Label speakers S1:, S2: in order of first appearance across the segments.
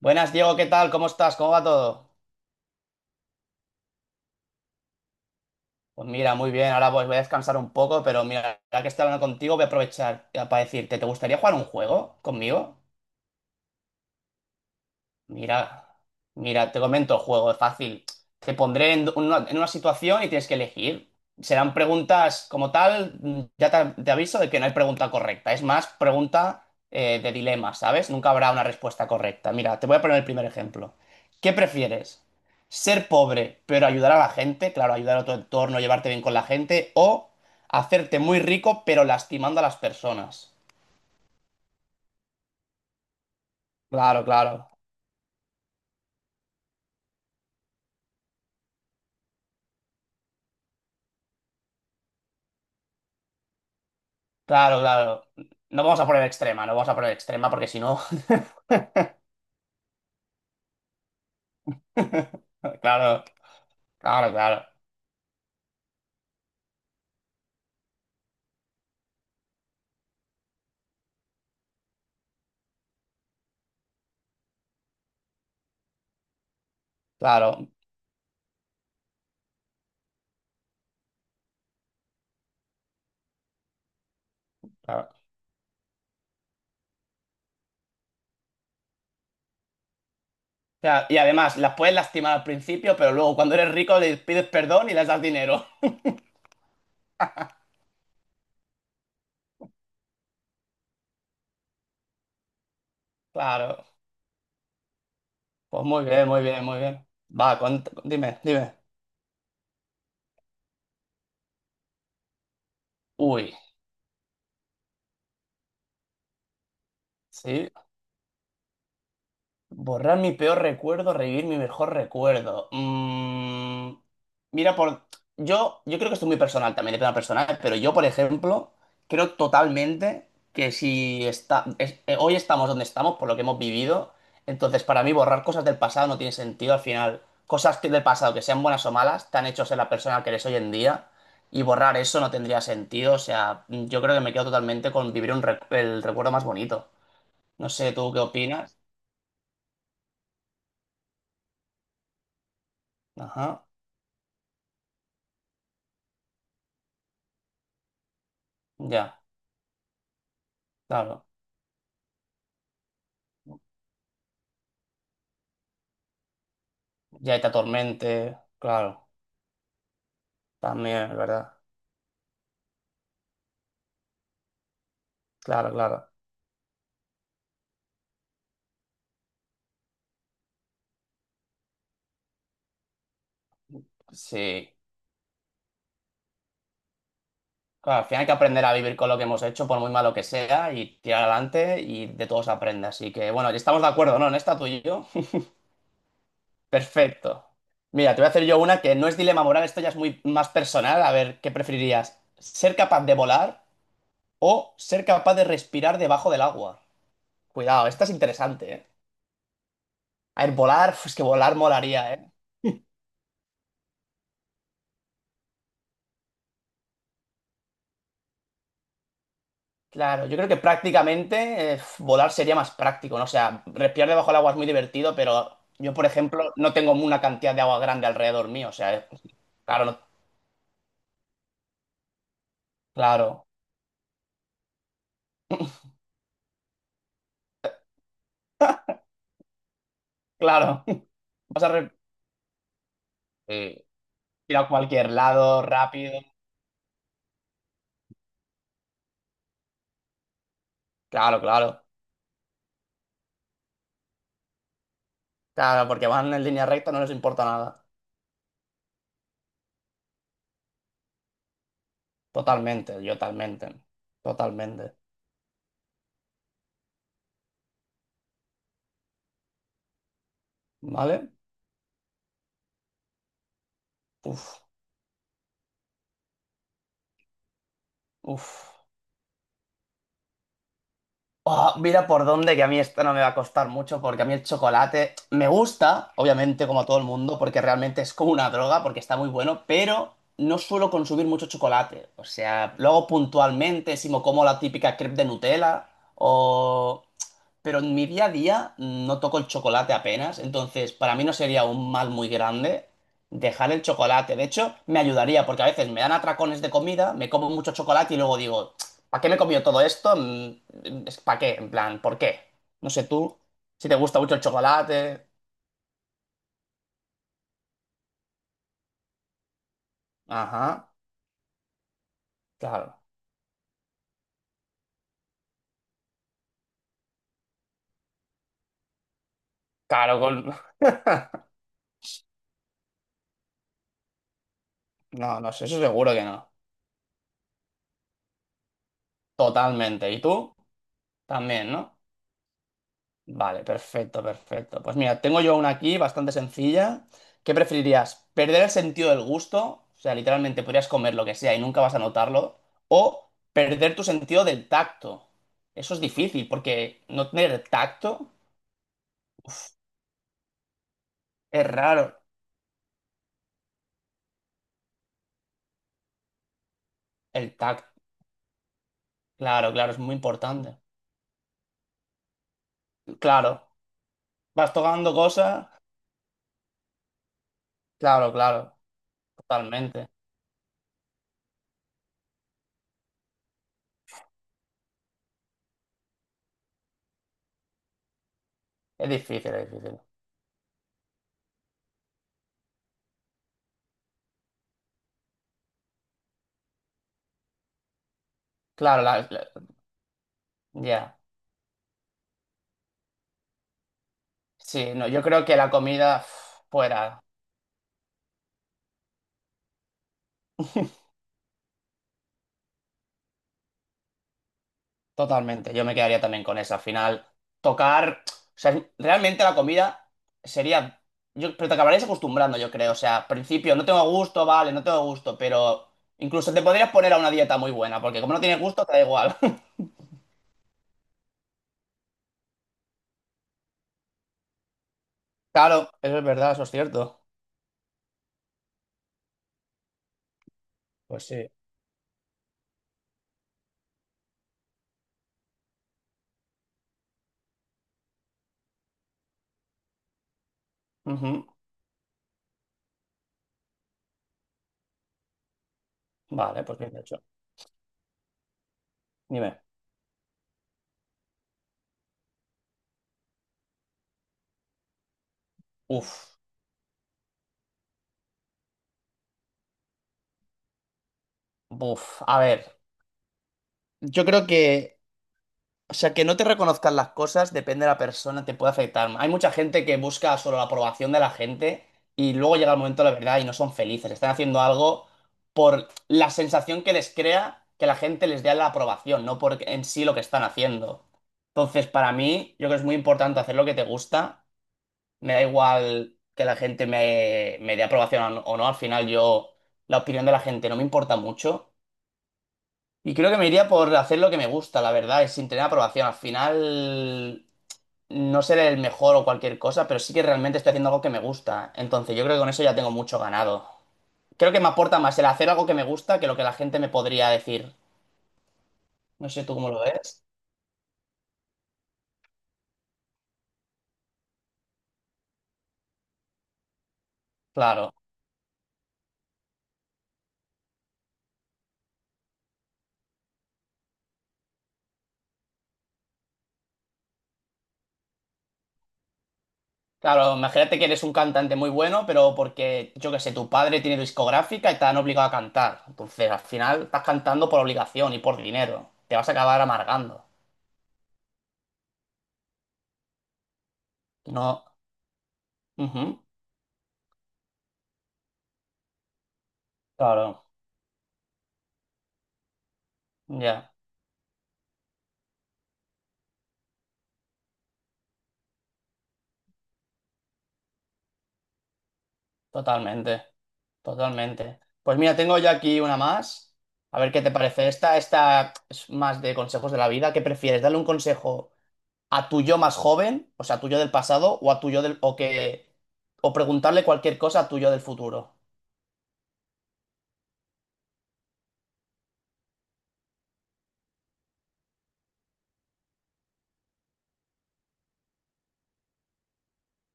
S1: Buenas, Diego, ¿qué tal? ¿Cómo estás? ¿Cómo va todo? Pues mira, muy bien, ahora pues voy a descansar un poco, pero mira, ya que estoy hablando contigo, voy a aprovechar para decirte, ¿te gustaría jugar un juego conmigo? Mira, mira, te comento, juego es fácil. Te pondré en una situación y tienes que elegir. Serán preguntas como tal, ya te aviso de que no hay pregunta correcta. Es más, pregunta de dilema, ¿sabes? Nunca habrá una respuesta correcta. Mira, te voy a poner el primer ejemplo. ¿Qué prefieres? ¿Ser pobre pero ayudar a la gente? Claro, ayudar a tu entorno, llevarte bien con la gente. ¿O hacerte muy rico pero lastimando a las personas? Claro, claro. Claro, claro. No vamos a poner extrema, no vamos a poner extrema porque si no. Claro, claro, claro, claro, claro. O sea, y además, las puedes lastimar al principio, pero luego cuando eres rico les pides perdón y les das dinero. Claro. Pues muy bien, muy bien, muy bien. Va, cont- dime, dime. Uy, sí. Borrar mi peor recuerdo, revivir mi mejor recuerdo. Mira, por. Yo creo que esto es muy personal también, depende de la persona, pero yo, por ejemplo, creo totalmente que si está, es- hoy estamos donde estamos, por lo que hemos vivido, entonces para mí borrar cosas del pasado no tiene sentido al final. Cosas que del pasado, que sean buenas o malas, te han hecho ser la persona que eres hoy en día, y borrar eso no tendría sentido. O sea, yo creo que me quedo totalmente con vivir un rec- el recuerdo más bonito. No sé, ¿tú qué opinas? Ajá. Ya, claro. Ya está Tormente, claro. También, es ¿verdad? Claro, claro. Sí. Claro, al final hay que aprender a vivir con lo que hemos hecho, por muy malo que sea, y tirar adelante y de todo se aprende. Así que, bueno, estamos de acuerdo, ¿no? En esta tú y yo. Perfecto. Mira, te voy a hacer yo una que no es dilema moral, esto ya es muy más personal. A ver, ¿qué preferirías? ¿Ser capaz de volar o ser capaz de respirar debajo del agua? Cuidado, esta es interesante, ¿eh? A ver, volar, pues que volar molaría, ¿eh? Claro, yo creo que prácticamente volar sería más práctico, ¿no? O sea, respirar debajo del agua es muy divertido, pero yo, por ejemplo, no tengo una cantidad de agua grande alrededor mío, o sea, claro, no- claro, claro. Vas a re- Sí. Ir a cualquier lado rápido. Claro, claro, claro, porque van en línea recta, no les importa nada. Totalmente, yo totalmente, totalmente, ¿vale? Uf, uf. Oh, mira por dónde, que a mí esto no me va a costar mucho, porque a mí el chocolate me gusta, obviamente, como a todo el mundo, porque realmente es como una droga, porque está muy bueno, pero no suelo consumir mucho chocolate. O sea, lo hago puntualmente, si me como la típica crepe de Nutella, o... Pero en mi día a día no toco el chocolate apenas, entonces para mí no sería un mal muy grande dejar el chocolate. De hecho, me ayudaría, porque a veces me dan atracones de comida, me como mucho chocolate y luego digo... ¿Para qué me he comido todo esto? ¿Para qué? En plan, ¿por qué? No sé tú, si te gusta mucho el chocolate. Ajá, claro. Claro, con... No, no sé, eso seguro que no. Totalmente. ¿Y tú? También, ¿no? Vale, perfecto, perfecto. Pues mira, tengo yo una aquí bastante sencilla. ¿Qué preferirías? ¿Perder el sentido del gusto? O sea, literalmente podrías comer lo que sea y nunca vas a notarlo. ¿O perder tu sentido del tacto? Eso es difícil, porque no tener tacto es raro. El tacto, claro, claro, es muy importante. Claro, vas tocando cosas, claro, claro, totalmente. Es difícil, es difícil. Claro, la- la- ya. Sí, no, yo creo que la comida uf, fuera, totalmente. Yo me quedaría también con esa. Al final, tocar, o sea, es- realmente la comida sería, yo, pero te acabarías acostumbrando, yo creo. O sea, al principio no tengo gusto, vale, no tengo gusto, pero incluso te podrías poner a una dieta muy buena, porque como no tienes gusto, te da igual. Claro, eso es verdad, eso es cierto. Pues sí. Ujú. Vale, pues bien hecho. Dime. Uf, uf. A ver, yo creo que, o sea, que no te reconozcan las cosas depende de la persona, te puede afectar. Hay mucha gente que busca solo la aprobación de la gente y luego llega el momento de la verdad y no son felices. Están haciendo algo por la sensación que les crea que la gente les dé la aprobación, no por en sí lo que están haciendo. Entonces, para mí, yo creo que es muy importante hacer lo que te gusta me da igual que la gente me dé aprobación o no, al final yo, la opinión de la gente no me importa mucho. Y creo que me iría por hacer lo que me gusta, la verdad, y sin tener aprobación. Al final, no seré el mejor o cualquier cosa, pero sí que realmente estoy haciendo algo que me gusta. Entonces, yo creo que con eso ya tengo mucho ganado. Creo que me aporta más el hacer algo que me gusta que lo que la gente me podría decir. No sé tú cómo lo ves. Claro. Claro, imagínate que eres un cantante muy bueno, pero porque, yo qué sé, tu padre tiene discográfica y te han obligado a cantar. Entonces, al final estás cantando por obligación y por dinero. Te vas a acabar amargando. No. Ujú. Claro, ya, totalmente, totalmente. Pues mira, tengo ya aquí una más. A ver qué te parece. Esta es más de consejos de la vida. ¿Qué prefieres? ¿Darle un consejo a tu yo más joven, o sea, a tu yo del pasado, o a tu yo del, o que, o preguntarle cualquier cosa a tu yo del futuro?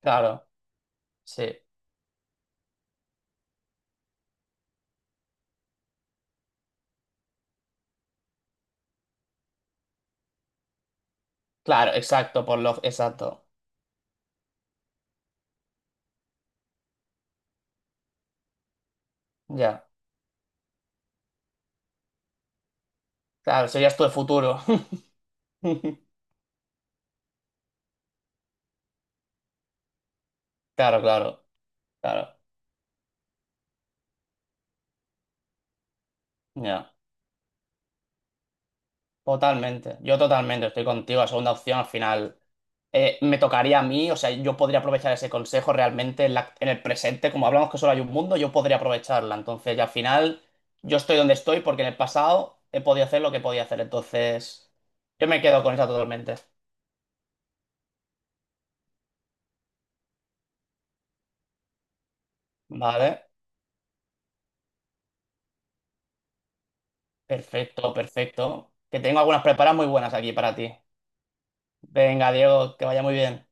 S1: Claro, sí. Claro, exacto, por lo exacto. Ya. Claro, serías tú el futuro. Claro, claro, claro. Ya. Totalmente. Yo totalmente estoy contigo. La segunda opción al final me tocaría a mí. O sea, yo podría aprovechar ese consejo realmente en, la- en el presente. Como hablamos que solo hay un mundo, yo podría aprovecharla. Entonces, ya al final, yo estoy donde estoy porque en el pasado he podido hacer lo que podía hacer. Entonces, yo me quedo con esa totalmente. Vale. Perfecto, perfecto. Que tengo algunas preparadas muy buenas aquí para ti. Venga, Diego, que vaya muy bien.